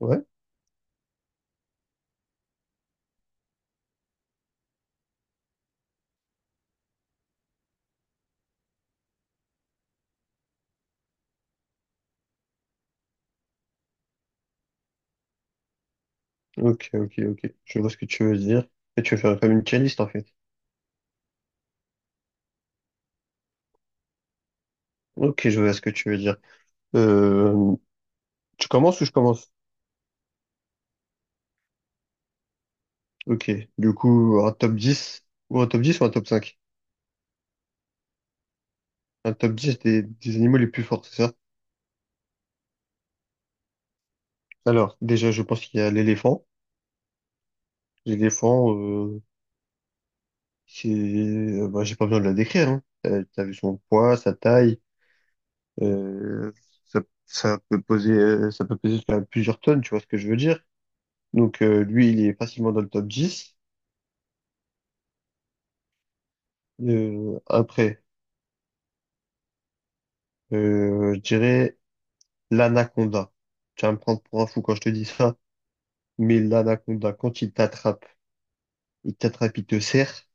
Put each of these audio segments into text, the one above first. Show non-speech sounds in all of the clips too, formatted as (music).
Ouais, ok. Je vois ce que tu veux dire. Et tu veux faire comme une playlist en fait. Ok, je vois ce que tu veux dire. Euh, Tu commences ou je commence? Ok, du coup, un top 10 ou un top cinq. Un top 10 des animaux les plus forts, c'est ça? Alors, déjà, je pense qu'il y a l'éléphant. L'éléphant, c'est, bah, j'ai pas besoin de la décrire, hein. T'as vu son poids, sa taille, euh, ça, ça peut poser, ça peut peser jusqu'à plusieurs tonnes, tu vois ce que je veux dire? Donc, lui, il est facilement dans le top 10. Après, je dirais l'anaconda. Tu vas me prendre pour un fou quand je te dis ça, mais l'anaconda, quand il t'attrape, il t'attrape, il te serre,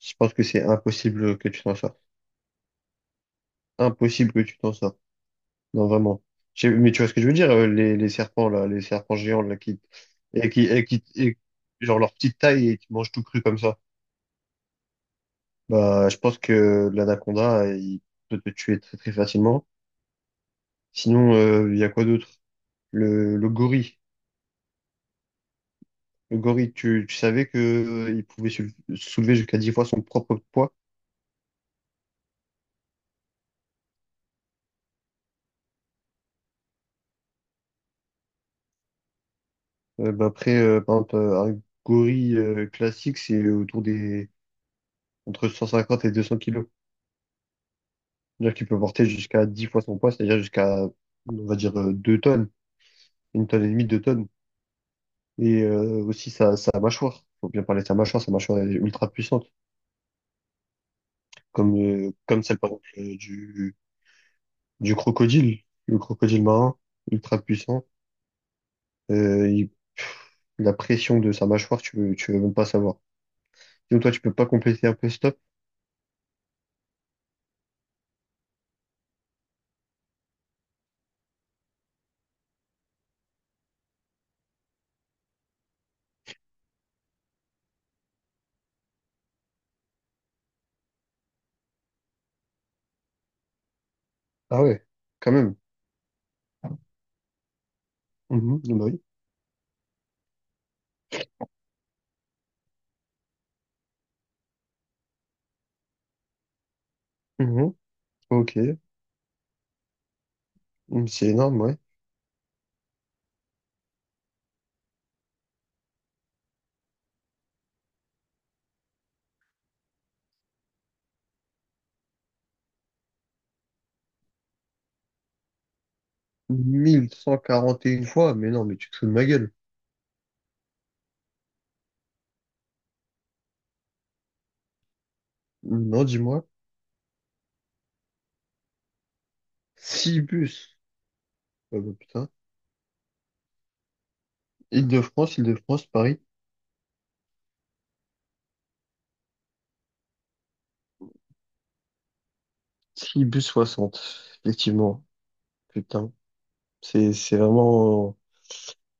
je pense que c'est impossible que tu t'en sortes. Impossible que tu t'en sortes. Non, vraiment. Mais tu vois ce que je veux dire, les serpents, là, les serpents géants, là, et qui, et qui, et- genre leur petite taille et qui mangent tout cru comme ça. Bah, je pense que l'anaconda, il peut te tuer très, très facilement. Sinon, il y a quoi d'autre? Le gorille. Le gorille, tu savais que il pouvait soulever jusqu'à 10 fois son propre poids. Bah après, par exemple, un gorille classique, c'est autour des entre 150 et 200 kilos. C'est-à-dire qu'il peut porter jusqu'à 10 fois son poids, c'est-à-dire jusqu'à, on va dire, 2 tonnes, 1 tonne et demie, 2 tonnes. Et aussi sa, sa mâchoire. Faut bien parler de sa mâchoire est ultra puissante, comme celle, par exemple, du crocodile, le crocodile marin, ultra puissant. Il La pression de sa mâchoire, tu veux même pas savoir. Sinon, toi, tu peux pas compléter un peu stop? Ah ouais, quand même. Mhm, bah oui. Mhm. Ok. Mm, c'est énorme, ouais. 1141 fois, mais non, mais tu te fous de ma gueule. Non, dis-moi. 6 bus. Ah bah, putain. Île-de-France, Île-de-France, Paris. 6 bus 60. Effectivement. Putain. C'est vraiment.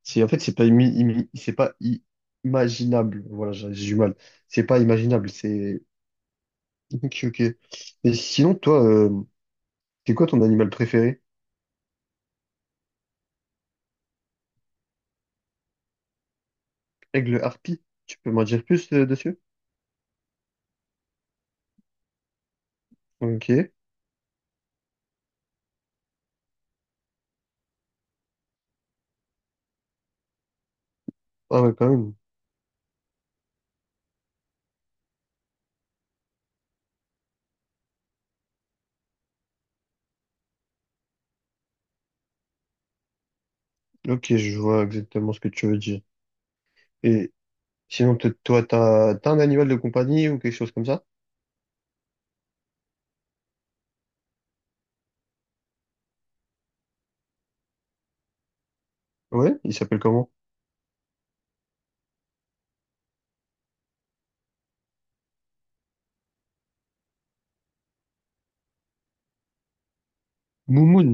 C'est, en fait, c'est pas, c'est pas imaginable. Voilà, j'ai du mal. C'est pas imaginable. C'est ok, ok. Et sinon, toi, c'est quoi ton animal préféré? Aigle, harpie? Tu peux m'en dire plus dessus? Ok. Ah ouais, quand même. Ok, je vois exactement ce que tu veux dire. Et sinon, toi, t'as un animal de compagnie ou quelque chose comme ça? Ouais, il s'appelle comment? Moumoun.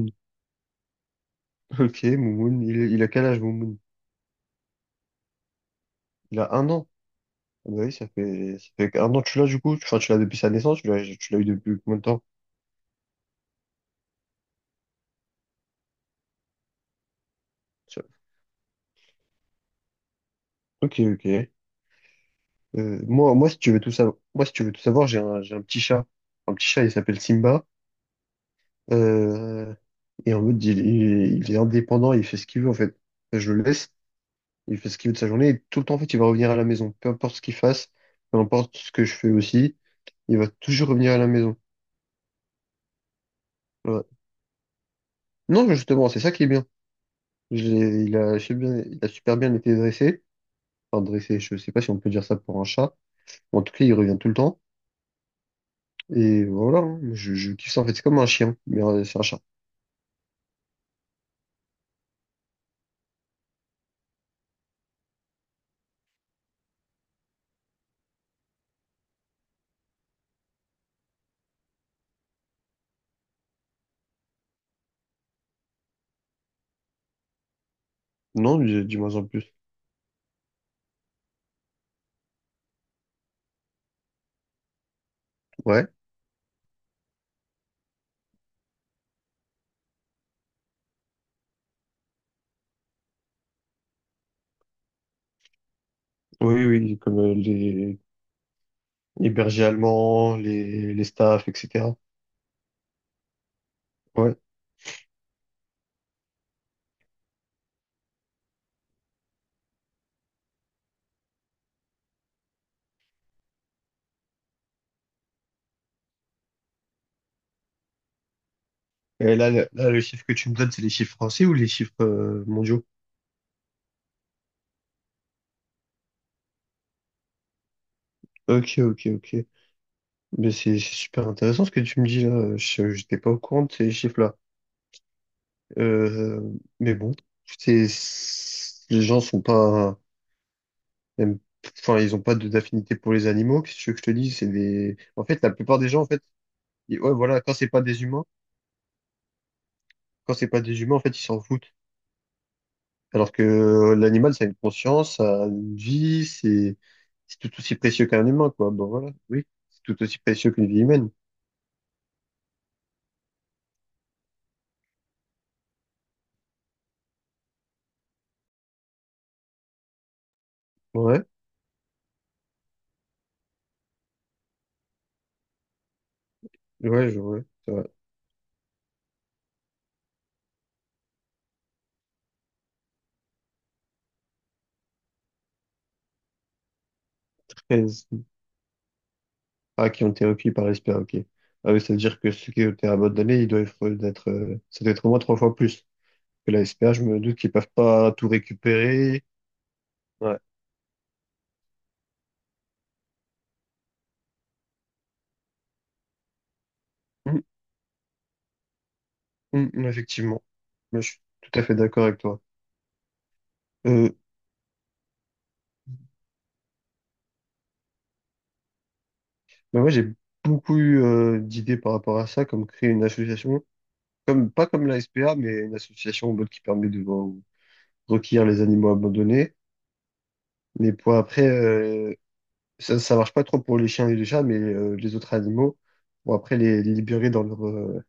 (laughs) Ok, Moumoun. Il a quel âge, Moumoun? Il a 1 an. Ah bah oui, ça fait 1 an que tu l'as du coup. Enfin, tu l'as depuis sa naissance, tu l'as eu depuis combien de temps? Ça- Ok, ok. Moi, si tu veux tout savoir, moi, si tu veux tout savoir, j'ai un petit chat. Un petit chat, il s'appelle Simba. Euh, et en mode, il est indépendant, il fait ce qu'il veut, en fait. Je le laisse, il fait ce qu'il veut de sa journée. Et tout le temps, en fait, il va revenir à la maison. Peu importe ce qu'il fasse, peu importe ce que je fais aussi, il va toujours revenir à la maison. Voilà. Non, mais justement, c'est ça qui est bien. Il a super bien, il a super bien été dressé. Enfin, dressé, je sais pas si on peut dire ça pour un chat. En tout cas, il revient tout le temps. Et voilà, hein. Je kiffe ça, en fait. C'est comme un chien, mais c'est un chat. Non, dis-moi en plus. Ouais. Oui, oui, comme les bergers allemands, les staffs, etc. Ouais. Et là, là, le chiffre que tu me donnes, c'est les chiffres français ou les chiffres mondiaux? Ok, ok, ok. Mais c'est super intéressant ce que tu me dis là. Je n'étais pas au courant de ces chiffres-là. Euh, mais bon, c'est, les gens sont pas, aiment- enfin, ils ont pas d'affinité pour les animaux. Qu'est-ce que tu veux que je te dise? C'est des, en fait, la plupart des gens, en fait, ouais, voilà, quand c'est pas des humains, quand c'est pas des humains, en fait, ils s'en foutent. Alors que l'animal, ça a une conscience, ça a une vie, c'est tout aussi précieux qu'un humain, quoi. Bon, voilà, oui, c'est tout aussi précieux qu'une vie humaine. Ouais, ouais, je vois. C'est vrai. 13. Ah, qui ont été recueillis par l'espère, ok. Ah oui, ça veut dire que ceux qui ont été abandonnés, ils doivent être, ça doit être au moins 3 fois plus que la SPA. Je me doute qu'ils peuvent pas tout récupérer. Ouais. Hum, hum, effectivement. Moi, je suis tout à fait d'accord avec toi. Euh, Bah moi, j'ai beaucoup eu d'idées par rapport à ça, comme créer une association. Comme, pas comme la SPA, mais une association ou l'autre qui permet de recueillir les animaux abandonnés. Mais pour après, ça, ça marche pas trop pour les chiens et les chats, mais les autres animaux, pour après les libérer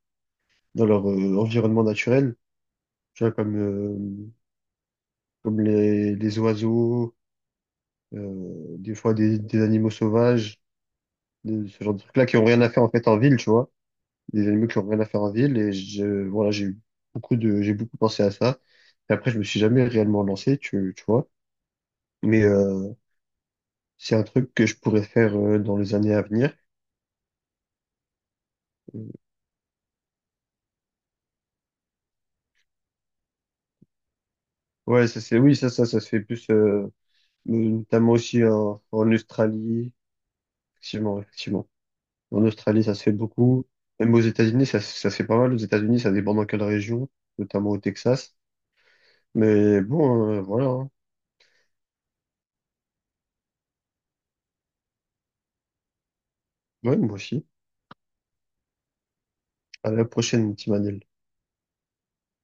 dans leur environnement naturel, tu vois, comme les oiseaux, euh, des fois des animaux sauvages, ce genre de trucs-là qui ont rien à faire en fait en ville, tu vois, des animaux qui ont rien à faire en ville. Et voilà, j'ai beaucoup pensé à ça. Et après, je me suis jamais réellement lancé, tu vois. Mais c'est un truc que je pourrais faire dans les années à venir. Euh, Ouais, ça c'est, oui, ça se fait plus, notamment aussi en, en Australie. Effectivement, effectivement. En Australie, ça se fait beaucoup. Même aux États-Unis, ça, ça se fait pas mal. Aux États-Unis, ça dépend dans quelle région, notamment au Texas. Mais bon, voilà, hein. Ouais, moi aussi. À la prochaine, petit Manel.